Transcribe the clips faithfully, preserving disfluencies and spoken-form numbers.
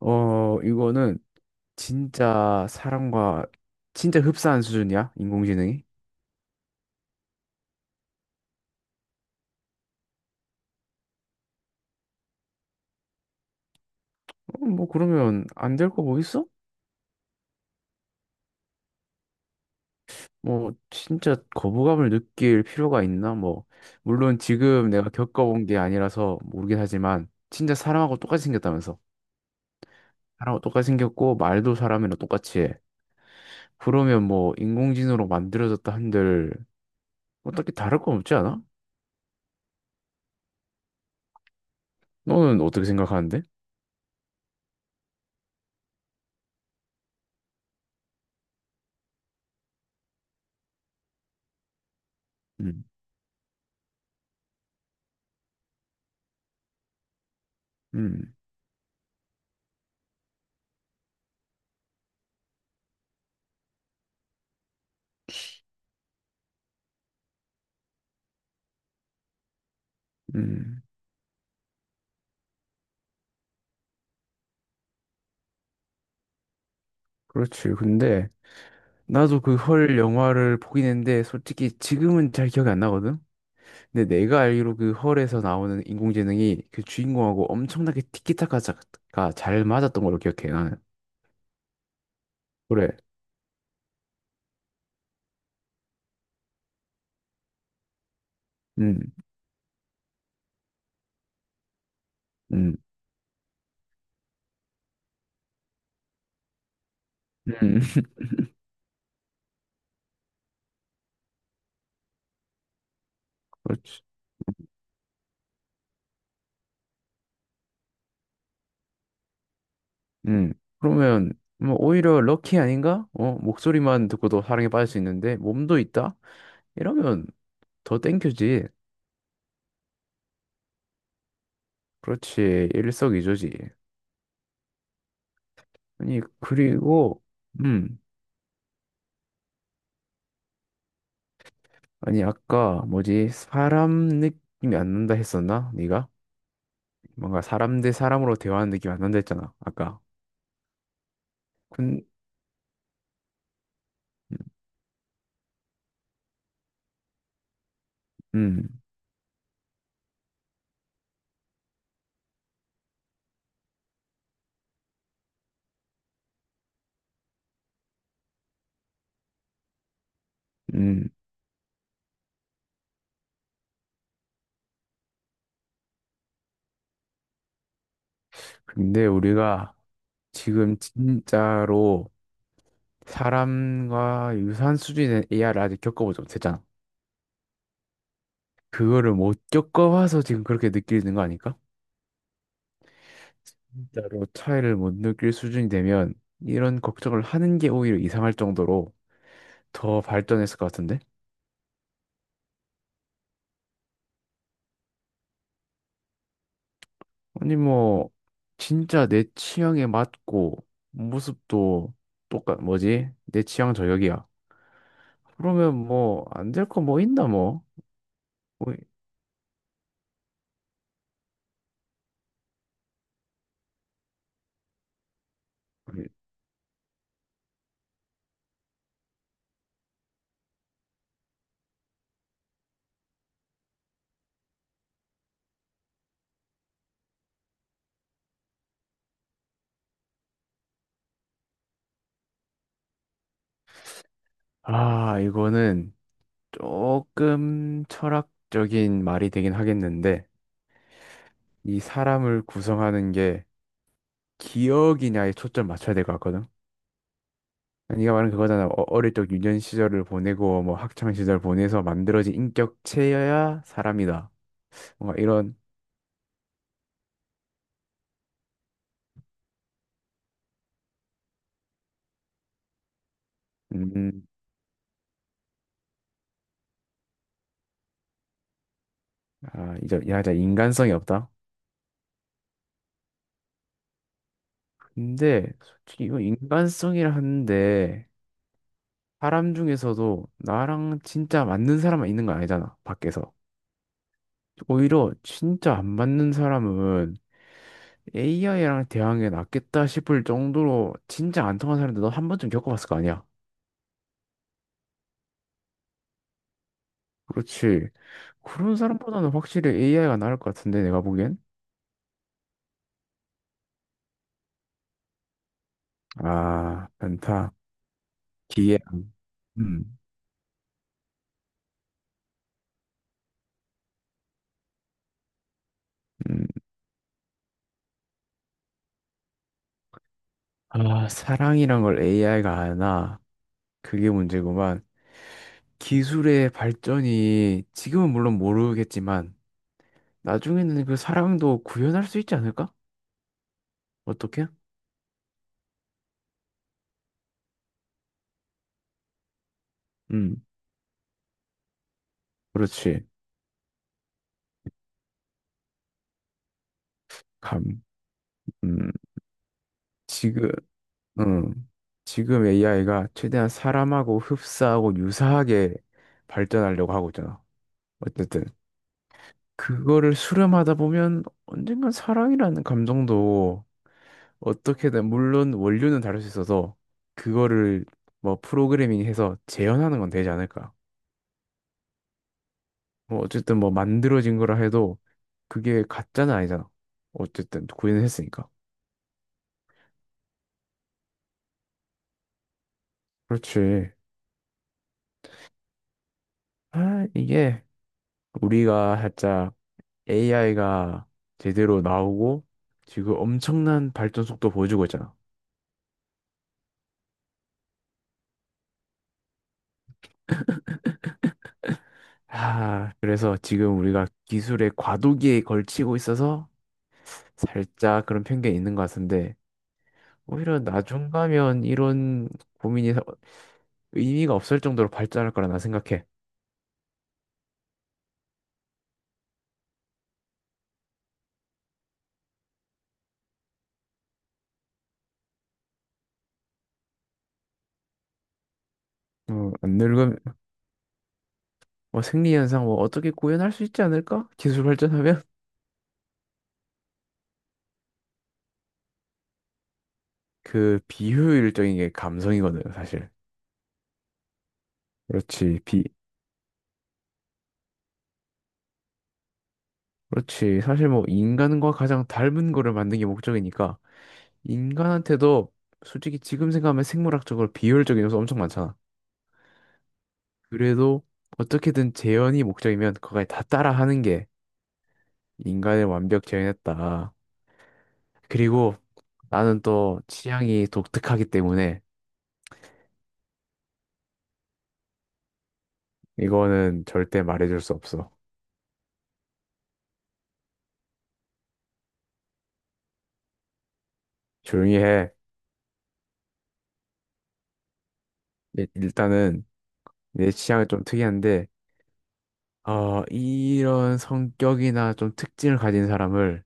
어, 이거는 진짜 사람과 진짜 흡사한 수준이야, 인공지능이? 어, 뭐 그러면 안 될 거 뭐 있어? 뭐 진짜 거부감을 느낄 필요가 있나? 뭐 물론 지금 내가 겪어본 게 아니라서 모르긴 하지만 진짜 사람하고 똑같이 생겼다면서. 사람하고 똑같이 생겼고 말도 사람이랑 똑같이 해. 그러면 뭐 인공지능으로 만들어졌다 한들 뭐 딱히 다를 건 없지 않아? 너는 어떻게 생각하는데? 음, 음, 음. 그렇지. 근데 나도 그 헐 영화를 보긴 했는데 솔직히 지금은 잘 기억이 안 나거든. 근데 내가 알기로 그 헐에서 나오는 인공지능이 그 주인공하고 엄청나게 티키타카가 잘 맞았던 걸로 기억해 나는. 그래. 음, 음, 음, 그렇지. 음. 그러면 뭐 오히려 럭키 아닌가? 어 목소리만 듣고도 사랑에 빠질 수 있는데 몸도 있다? 이러면 더 땡큐지. 그렇지 일석이조지. 아니 그리고 음, 아니 아까 뭐지 사람 느낌이 안 난다 했었나? 네가 뭔가 사람 대 사람으로 대화하는 느낌이 안 난다 했잖아 아까. 근 음, 음. 근데 우리가 지금 진짜로 사람과 유사한 수준의 에이아이를 아직 겪어보지 못했잖아. 그거를 못 겪어봐서 지금 그렇게 느끼는 거 아닐까? 진짜로 차이를 못 느낄 수준이 되면 이런 걱정을 하는 게 오히려 이상할 정도로 더 발전했을 것 같은데? 아니 뭐 진짜 내 취향에 맞고 모습도 똑같 뭐지? 내 취향 저격이야. 그러면 뭐 안 될 거 뭐 있나 뭐? 뭐 이- 아, 이거는 조금 철학적인 말이 되긴 하겠는데 이 사람을 구성하는 게 기억이냐에 초점 맞춰야 될 것 같거든. 네가 말한 그거잖아. 어- 어릴 적 유년 시절을 보내고 뭐 학창 시절 보내서 만들어진 인격체여야 사람이다. 뭔가 이런 음, 아, 이제 야자 인간성이 없다. 근데 솔직히 이거 인간성이라 하는데 사람 중에서도 나랑 진짜 맞는 사람만 있는 거 아니잖아. 밖에서. 오히려 진짜 안 맞는 사람은 에이아이랑 대항하는 게 낫겠다 싶을 정도로 진짜 안 통한 사람들 너한 번쯤 겪어봤을 거 아니야. 그렇지. 그런 사람보다는 확실히 에이아이가 나을 것 같은데 내가 보기엔. 아, 많다. 기회. 음. 음. 아, 사랑이란 걸 에이아이가 아나. 그게 문제구만. 기술의 발전이 지금은 물론 모르겠지만 나중에는 그 사랑도 구현할 수 있지 않을까? 어떻게? 음, 그렇지. 감. 음, 지금, 음, 지금 에이아이가 최대한 사람하고 흡사하고 유사하게 발전하려고 하고 있잖아. 어쨌든 그거를 수렴하다 보면 언젠간 사랑이라는 감정도 어떻게든 물론 원료는 다를 수 있어서 그거를 뭐 프로그래밍 해서 재현하는 건 되지 않을까? 뭐 어쨌든 뭐 만들어진 거라 해도 그게 가짜는 아니잖아. 어쨌든 구현을 했으니까. 그렇지. 아, 이게 우리가 살짝 에이아이가 제대로 나오고 지금 엄청난 발전 속도 보여주고 있잖아. 아, 그래서 지금 우리가 기술의 과도기에 걸치고 있어서 살짝 그런 편견이 있는 것 같은데 오히려 나중 가면 이런 고민이 사- 의미가 없을 정도로 발전할 거라 나 생각해. 어, 안 늙으면 뭐 생리 현상 뭐 어떻게 구현할 수 있지 않을까? 기술 발전하면 그 비효율적인 게 감성이거든, 사실. 그렇지. 비 그렇지. 사실 뭐 인간과 가장 닮은 거를 만든 게 목적이니까 인간한테도 솔직히 지금 생각하면 생물학적으로 비효율적인 요소 엄청 많잖아. 그래도 어떻게든 재현이 목적이면 그걸 다 따라하는 게 인간을 완벽 재현했다. 그리고 나는 또 취향이 독특하기 때문에 이거는 절대 말해줄 수 없어. 조용히 해. 일- 일단은 내 취향이 좀 특이한데, 어, 이런 성격이나 좀 특징을 가진 사람을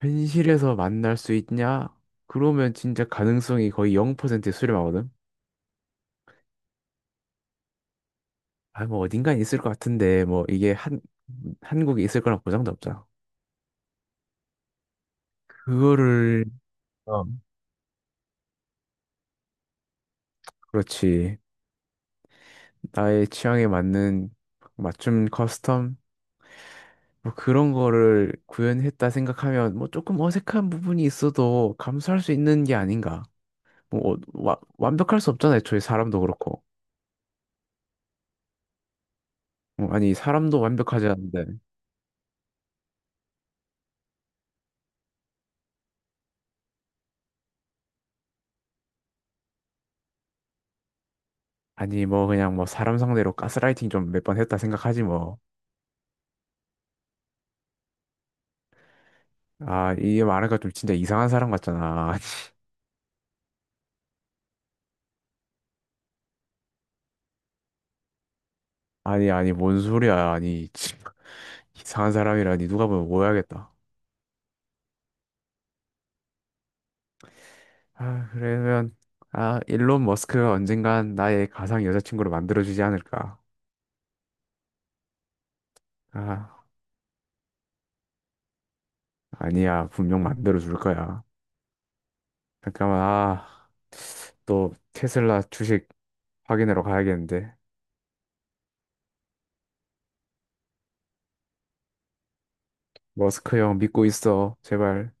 현실에서 만날 수 있냐? 그러면 진짜 가능성이 거의 영 퍼센트에 수렴하거든? 아, 뭐 어딘가에 있을 것 같은데, 뭐 이게 한, 한국에 있을 거란 보장도 없잖아. 그거를, 어. 그렇지. 나의 취향에 맞는 맞춤 커스텀? 뭐 그런 거를 구현했다 생각하면 뭐 조금 어색한 부분이 있어도 감수할 수 있는 게 아닌가. 뭐 어, 와- 완벽할 수 없잖아요. 저희 사람도 그렇고. 어, 아니 사람도 완벽하지 않은데. 아니 뭐 그냥 뭐 사람 상대로 가스라이팅 좀 몇 번 했다 생각하지 뭐. 아 이게 말하니까 좀 진짜 이상한 사람 같잖아. 아니 아니 뭔 소리야. 아니 참, 이상한 사람이라니 누가 보면 오해하겠다. 아 그러면 아 일론 머스크가 언젠간 나의 가상 여자친구를 만들어주지 않을까. 아. 아니야, 분명 만들어 줄 거야. 잠깐만, 아, 또 테슬라 주식 확인하러 가야겠는데. 머스크 형 믿고 있어, 제발.